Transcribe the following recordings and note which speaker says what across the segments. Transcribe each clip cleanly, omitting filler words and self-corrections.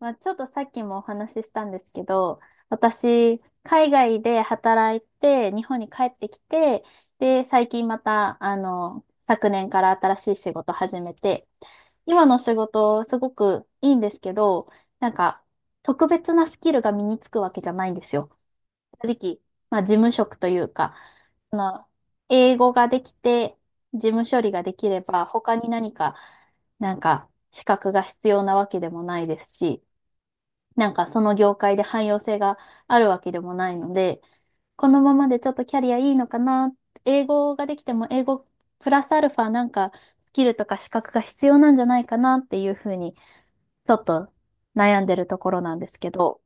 Speaker 1: まあ、ちょっとさっきもお話ししたんですけど、私、海外で働いて、日本に帰ってきて、で、最近また、昨年から新しい仕事始めて、今の仕事、すごくいいんですけど、なんか、特別なスキルが身につくわけじゃないんですよ。正直、まあ、事務職というか、あの、英語ができて、事務処理ができれば、他に何か、資格が必要なわけでもないですし、その業界で汎用性があるわけでもないので、このままでちょっとキャリアいいのかな、英語ができても英語プラスアルファなんかスキルとか資格が必要なんじゃないかなっていうふうにちょっと悩んでるところなんですけど、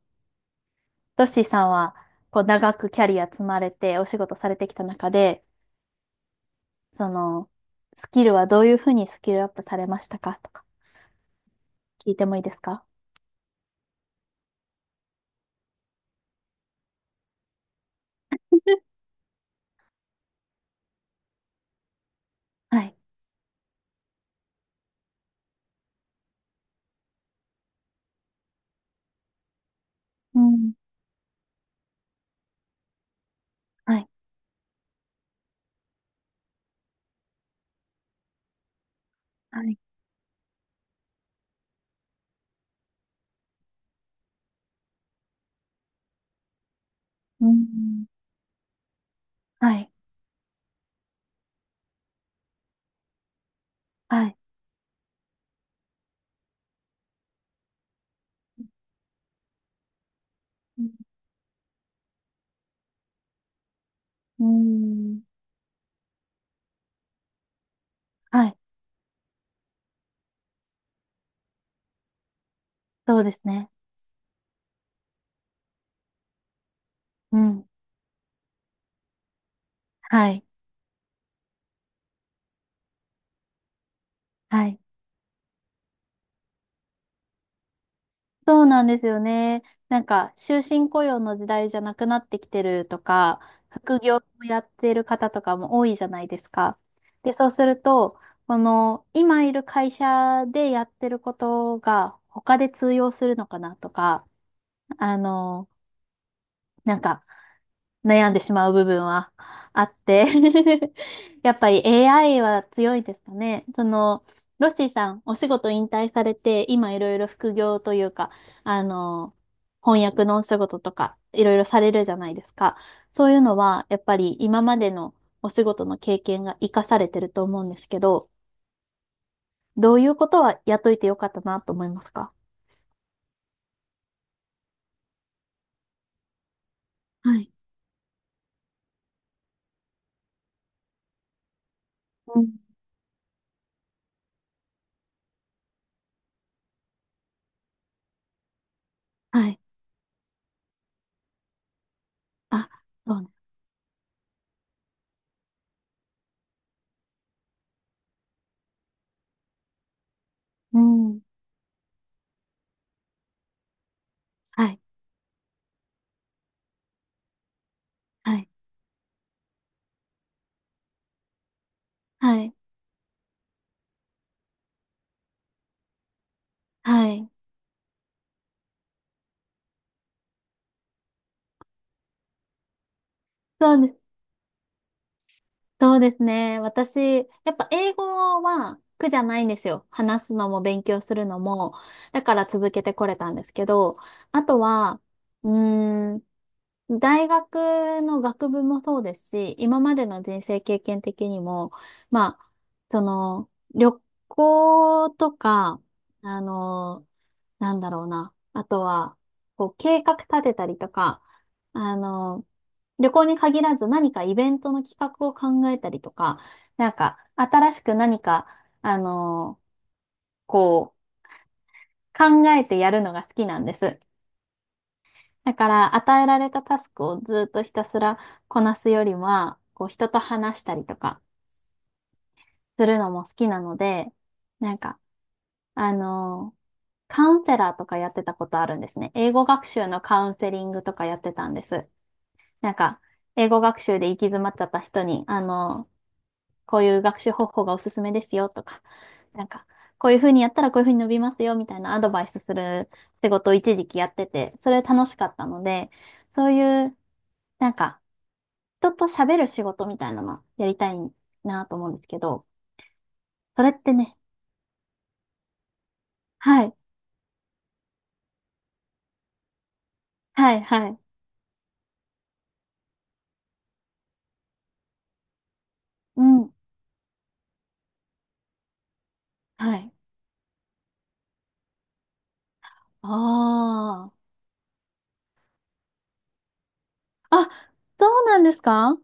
Speaker 1: トッシーさんはこう長くキャリア積まれてお仕事されてきた中で、そのスキルはどういうふうにスキルアップされましたかとか聞いてもいいですか？はい。うん。はい。はい。うん。はい。はい。うーん。はい。そうですね。うん。はい。はい。そうなんですよね。終身雇用の時代じゃなくなってきてるとか、副業をやってる方とかも多いじゃないですか。で、そうすると、この、今いる会社でやってることが、他で通用するのかなとか、あの、なんか、悩んでしまう部分はあって やっぱり AI は強いですかね。ロッシーさん、お仕事引退されて、今いろいろ副業というか、あの、翻訳のお仕事とか、いろいろされるじゃないですか。そういうのは、やっぱり今までのお仕事の経験が活かされてると思うんですけど、どういうことは雇いてよかったなと思いますか？はい。うん。はい。あ、そうね。うん。はい。はい。はい。はい。そうです。そうですね。私、やっぱ英語は苦じゃないんですよ。話すのも勉強するのも。だから続けてこれたんですけど、あとは、うーん大学の学部もそうですし、今までの人生経験的にも、まあ、旅行とか、あの、なんだろうな。あとは、こう、計画立てたりとか、あの、旅行に限らず何かイベントの企画を考えたりとか、新しく何か、あの、こう、考えてやるのが好きなんです。だから、与えられたタスクをずっとひたすらこなすよりは、こう、人と話したりとかするのも好きなので、なんか、あのーカウンセラーとかやってたことあるんですね。英語学習のカウンセリングとかやってたんです。なんか、英語学習で行き詰まっちゃった人に、こういう学習方法がおすすめですよとか、なんか、こういうふうにやったらこういうふうに伸びますよみたいなアドバイスする仕事を一時期やってて、それ楽しかったので、そういう、なんか、人と喋る仕事みたいなのやりたいなと思うんですけど、それってね、はい、はい、はい、うん、はい。ああ、あ、そうなんですか？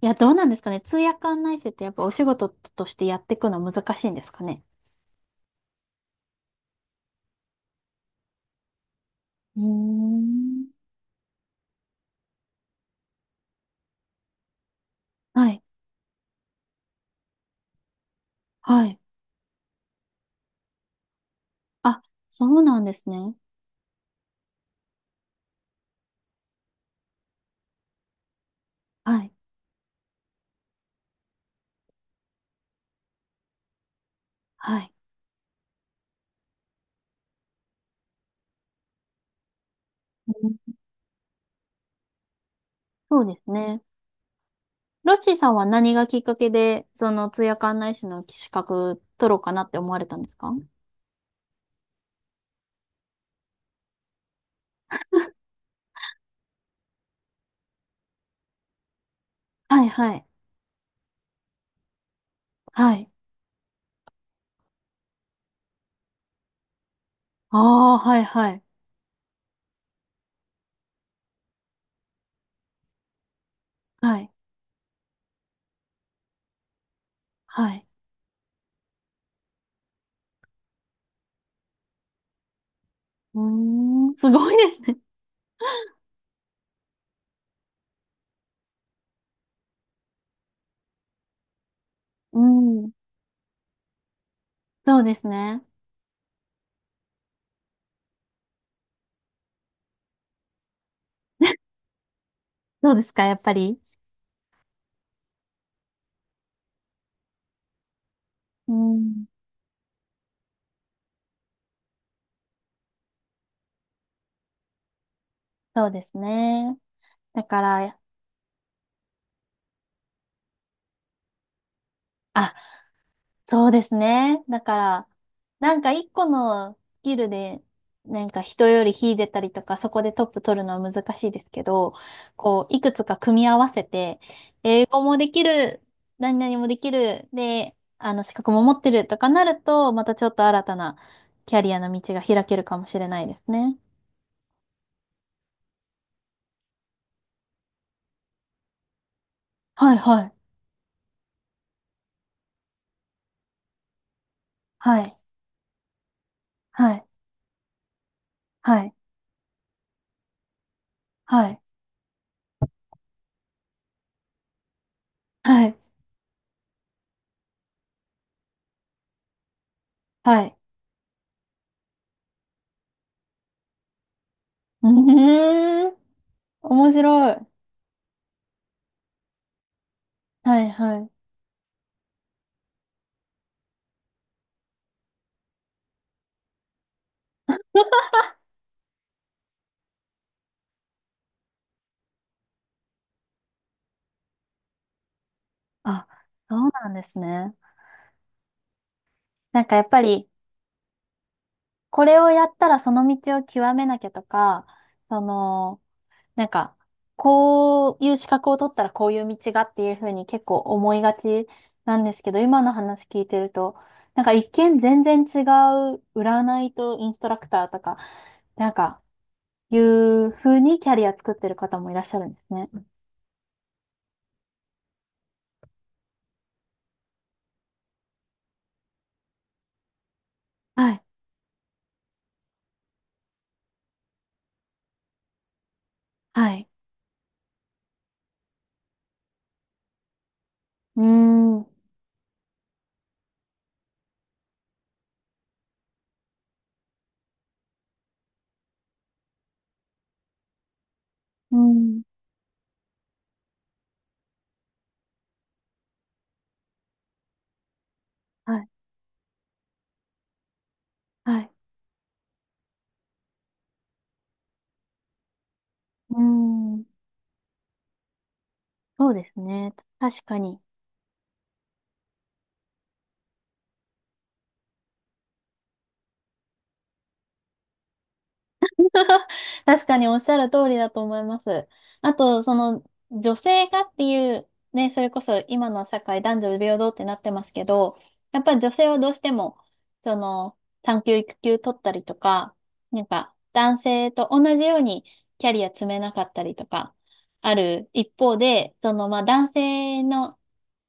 Speaker 1: いや、どうなんですかね。通訳案内士ってやっぱお仕事としてやっていくの難しいんですかね。うーん。はい、はい。あ、そうなんですね。はい、はい。うん、そうですね。ロッシーさんは何がきっかけで、その通訳案内士の資格取ろうかなって思われたんですか？はい、はい、はい。ああ、はいはい。はい。はい。うーん、すごいですね。うん。そうですね。どうですか、やっぱり。うん。そうですね。だから、あ、そうですね。だから、一個のスキルで、人より秀でたりとか、そこでトップ取るのは難しいですけど、こう、いくつか組み合わせて、英語もできる、何々もできる、で、資格も持ってるとかなると、またちょっと新たなキャリアの道が開けるかもしれないですね。はいはい。はい。はい。はい。はい。はい。はい。うーん。面白い。はいはい。あ、そうなんですね。やっぱり、これをやったらその道を極めなきゃとか、その、なんか、こういう資格を取ったらこういう道がっていうふうに結構思いがちなんですけど、今の話聞いてると、一見全然違う占いとインストラクターとか、なんか、いうふうにキャリア作ってる方もいらっしゃるんですね。はい、はい、うーん、うん、はい、はい。うーん、そうですね。確かに。確かにおっしゃる通りだと思います。あと、女性がっていう、ね、それこそ今の社会男女平等ってなってますけど、やっぱり女性はどうしても、その、産休育休取ったりとか、男性と同じようにキャリア積めなかったりとか、ある一方で、まあ、男性の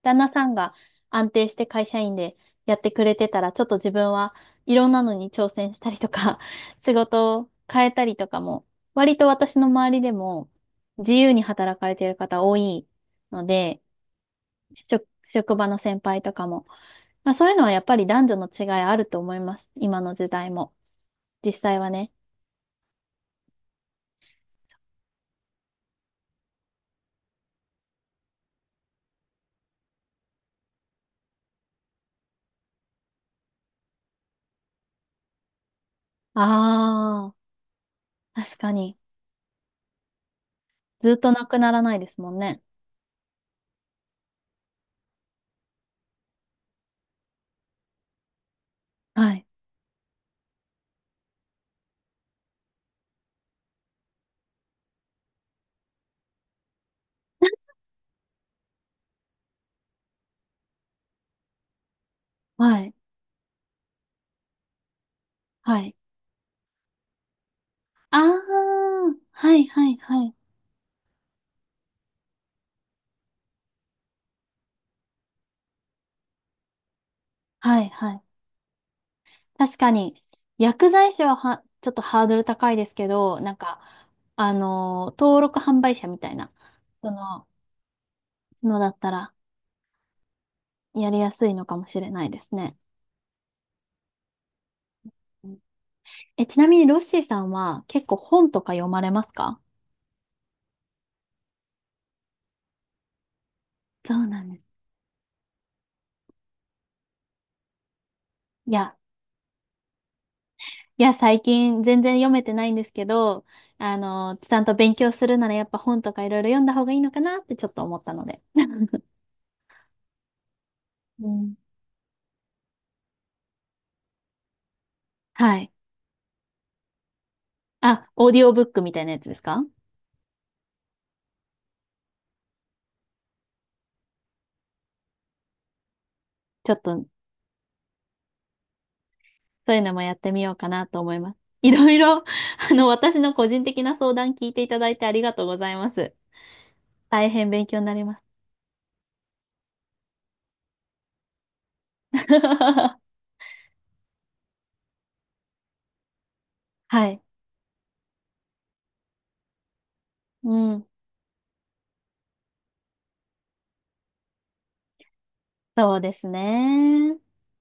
Speaker 1: 旦那さんが安定して会社員でやってくれてたら、ちょっと自分はいろんなのに挑戦したりとか、仕事を変えたりとかも、割と私の周りでも自由に働かれてる方多いので、職場の先輩とかも。まあ、そういうのはやっぱり男女の違いあると思います。今の時代も。実際はね。ああ、確かに。ずっとなくならないですもんね。はい。はい。はい。ああ、はいはいはいはいはい。確かに、薬剤師は、ちょっとハードル高いですけど、登録販売者みたいな、その、のだったら、やりやすいのかもしれないですね。うん、え、ちなみにロッシーさんは結構本とか読まれますか？そうなんです。いや、いや、最近全然読めてないんですけど、ちゃんと勉強するならやっぱ本とかいろいろ読んだ方がいいのかなってちょっと思ったので。うん。はい。あ、オーディオブックみたいなやつですか？ちょっとそういうのもやってみようかなと思います。いろいろ、私の個人的な相談聞いていただいてありがとうございます。大変勉強になります。はい。うん。そうですね。